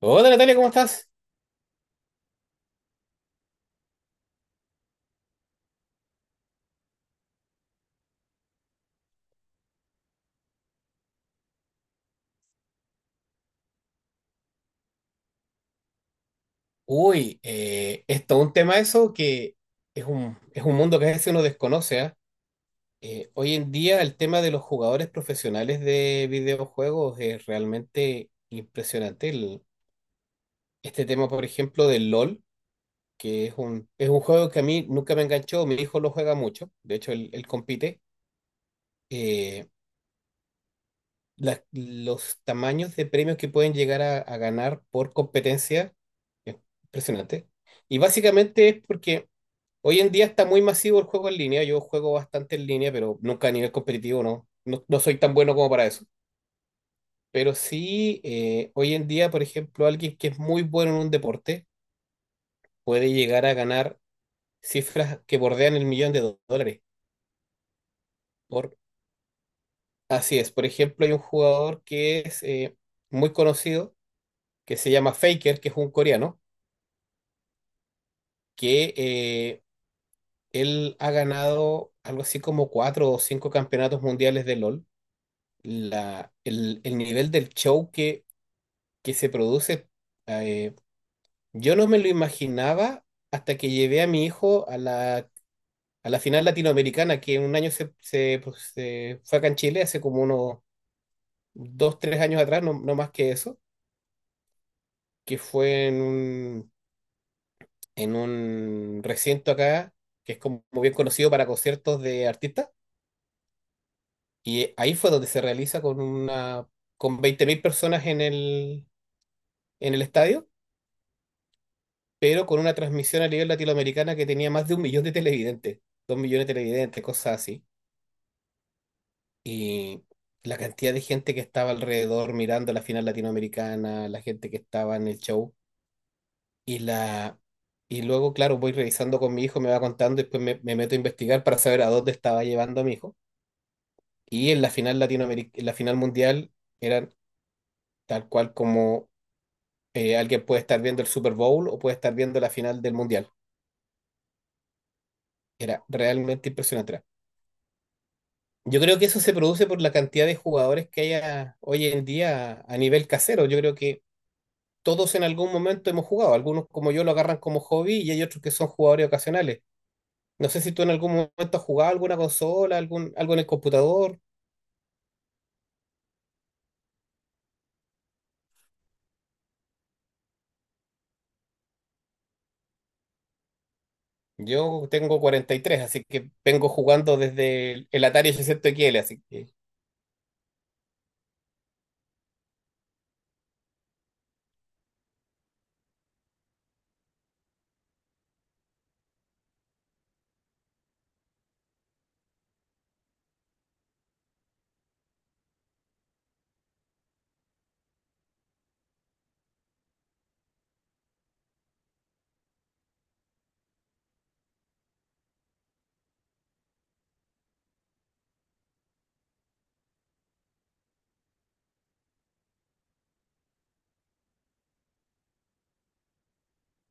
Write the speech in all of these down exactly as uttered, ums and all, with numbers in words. Hola Natalia, ¿cómo estás? Uy, eh, es todo un tema eso que es un, es un mundo que a veces uno desconoce, ¿ah? Eh, hoy en día el tema de los jugadores profesionales de videojuegos es realmente impresionante. El- este tema, por ejemplo, del LOL, que es un, es un juego que a mí nunca me enganchó, mi hijo lo juega mucho, de hecho él, él compite. Eh, las- los tamaños de premios que pueden llegar a, a ganar por competencia es impresionante. Y básicamente es porque... Hoy en día está muy masivo el juego en línea. Yo juego bastante en línea, pero nunca a nivel competitivo, no. No, no soy tan bueno como para eso. Pero sí, eh, hoy en día, por ejemplo, alguien que es muy bueno en un deporte puede llegar a ganar cifras que bordean el millón de do- dólares. Por, así es. Por ejemplo, hay un jugador que es eh, muy conocido, que se llama Faker, que es un coreano, que eh, él ha ganado algo así como cuatro o cinco campeonatos mundiales de LOL. La, el, el nivel del show que, que se produce, eh, yo no me lo imaginaba hasta que llevé a mi hijo a la, a la final latinoamericana, que un año se, se, pues, se fue acá en Chile, hace como unos dos, tres años atrás, no, no más que eso, que fue en un, en un recinto acá, que es como bien conocido para conciertos de artistas, y ahí fue donde se realiza con una... con veinte mil personas en el, en el estadio, pero con una transmisión a nivel latinoamericana que tenía más de un millón de televidentes, dos millones de televidentes, cosas así. Y la cantidad de gente que estaba alrededor mirando la final latinoamericana, la gente que estaba en el show. Y la... y luego, claro, voy revisando con mi hijo, me va contando, después me, me meto a investigar para saber a dónde estaba llevando a mi hijo. Y en la final latinoameric- en la final mundial eran tal cual como eh, alguien puede estar viendo el Super Bowl o puede estar viendo la final del mundial. Era realmente impresionante. Yo creo que eso se produce por la cantidad de jugadores que hay a- hoy en día a nivel casero. Yo creo que todos en algún momento hemos jugado. Algunos como yo lo agarran como hobby y hay otros que son jugadores ocasionales. No sé si tú en algún momento has jugado alguna consola, algún, algo en el computador. Yo tengo cuarenta y tres, así que vengo jugando desde el, el Atari ochocientos X L. Así que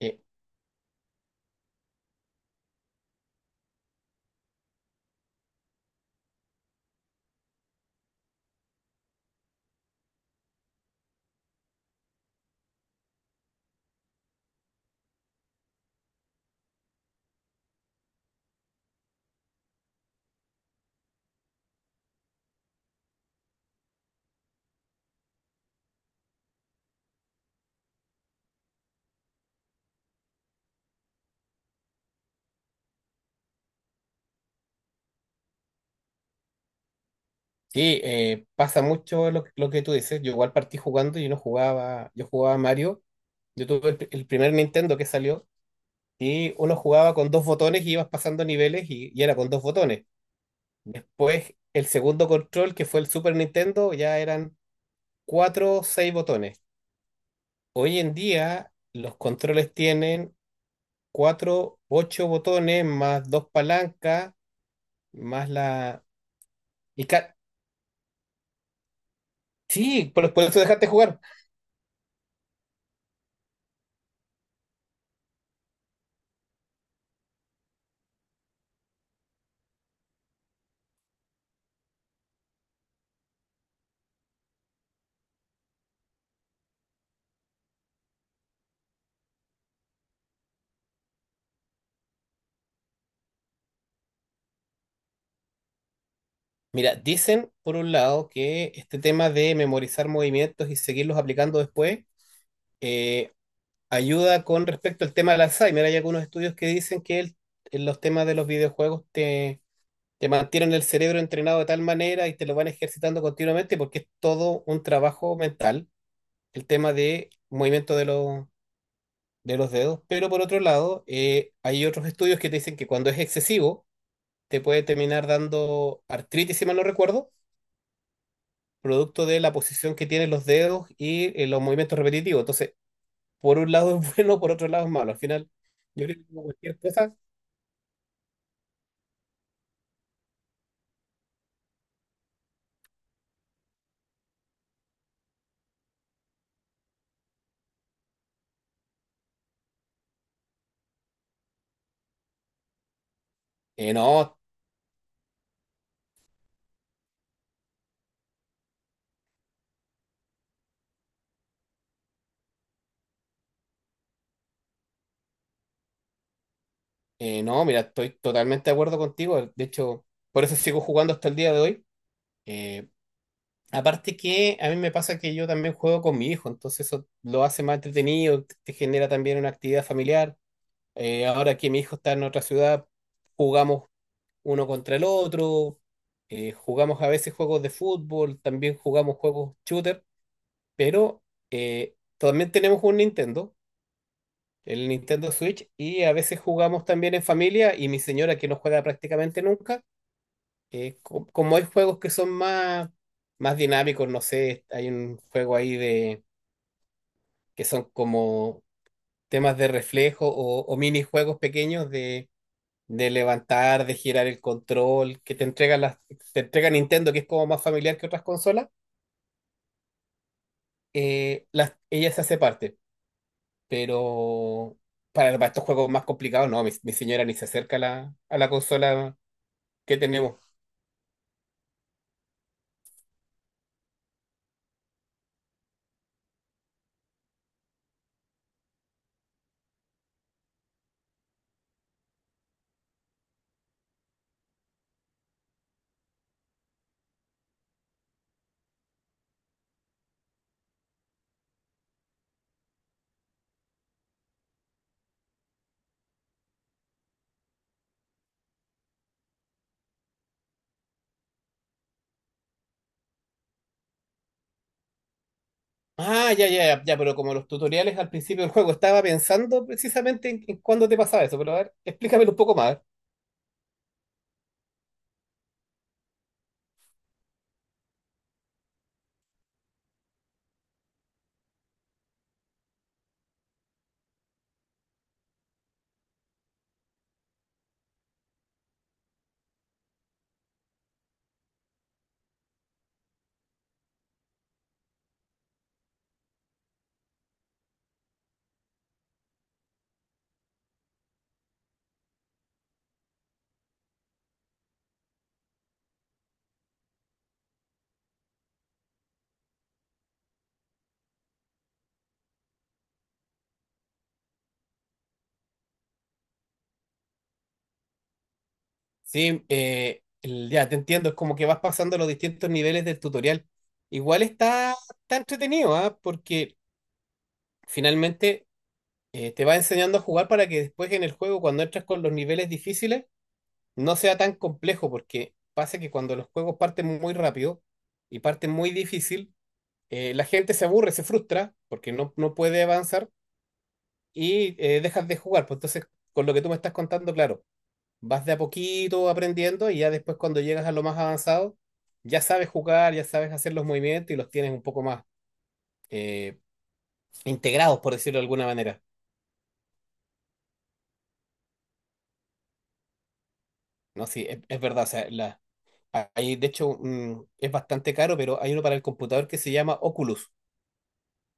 eh, sí, eh, pasa mucho lo, lo que tú dices. Yo igual partí jugando y no jugaba, yo jugaba Mario. Yo tuve el el primer Nintendo que salió y uno jugaba con dos botones y ibas pasando niveles y, y era con dos botones. Después, el segundo control, que fue el Super Nintendo, ya eran cuatro o seis botones. Hoy en día, los controles tienen cuatro, ocho botones, más dos palancas, más la... Y ca- Sí, por, por eso dejaste jugar. Mira, dicen por un lado que este tema de memorizar movimientos y seguirlos aplicando después eh, ayuda con respecto al tema del Alzheimer. Hay algunos estudios que dicen que el- en los temas de los videojuegos te, te mantienen el cerebro entrenado de tal manera y te lo van ejercitando continuamente porque es todo un trabajo mental, el tema de movimiento de, los de los dedos. Pero por otro lado, eh, hay otros estudios que te dicen que cuando es excesivo, te puede terminar dando artritis, si mal no recuerdo, producto de la posición que tienen los dedos y eh, los movimientos repetitivos. Entonces, por un lado es bueno, por otro lado es malo. Al final... Yo creo que como cualquier cosa, Eh, no, eh, no, mira, estoy totalmente de acuerdo contigo. De hecho, por eso sigo jugando hasta el día de hoy. Eh, aparte que a mí me pasa que yo también juego con mi hijo, entonces eso lo hace más entretenido, te te genera también una actividad familiar. Eh, ahora que mi hijo está en otra ciudad, jugamos uno contra el otro, eh, jugamos a veces juegos de fútbol, también jugamos juegos shooter, pero eh, también tenemos un Nintendo, el Nintendo Switch, y a veces jugamos también en familia y mi señora que no juega prácticamente nunca, eh, co- como hay juegos que son más, más dinámicos, no sé, hay un juego ahí de que son como temas de reflejo o, o minijuegos pequeños de, de, levantar, de girar el control, que te entrega las, te entrega Nintendo, que es como más familiar que otras consolas, eh, las, ella se hace parte, pero... Para, para estos juegos más complicados, no, mi, mi señora ni se acerca a la, a la consola. ¿Qué tenemos? Ah, ya, ya, ya, ya, pero como los tutoriales al principio del juego, estaba pensando precisamente en, en cuándo te pasaba eso, pero a ver, explícamelo un poco más. Sí, eh, el- ya te entiendo, es como que vas pasando los distintos niveles del tutorial. Igual está, está entretenido, ¿ah? Porque finalmente eh, te va enseñando a jugar para que después en el juego, cuando entras con los niveles difíciles, no sea tan complejo, porque pasa que cuando los juegos parten muy rápido y parten muy difícil, eh, la gente se aburre, se frustra porque no, no puede avanzar y eh, dejas de jugar. Pues entonces, con lo que tú me estás contando, claro, vas de a poquito aprendiendo y ya después cuando llegas a lo más avanzado, ya sabes jugar, ya sabes hacer los movimientos y los tienes un poco más eh, integrados, por decirlo de alguna manera. No, sí, es, es verdad. O sea, la, hay, de hecho, mm, es bastante caro, pero hay uno para el computador que se llama Oculus,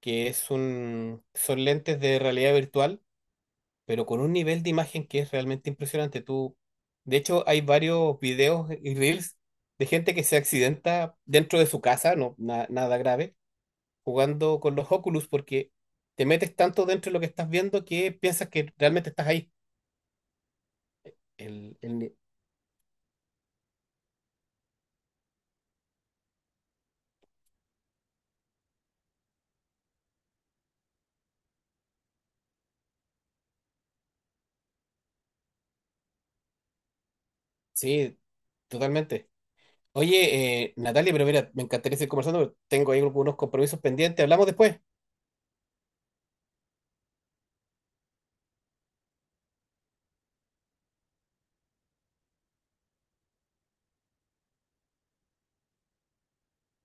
que es un, son lentes de realidad virtual pero con un nivel de imagen que es realmente impresionante. Tú, de hecho, hay varios videos y reels de gente que se accidenta dentro de su casa, no na- nada grave, jugando con los Oculus porque te metes tanto dentro de lo que estás viendo que piensas que realmente estás ahí. El, el ni- Sí, totalmente. Oye, eh, Natalia, pero mira, me encantaría seguir conversando, pero tengo ahí algunos compromisos pendientes. Hablamos después.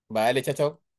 Vale, chao, chao.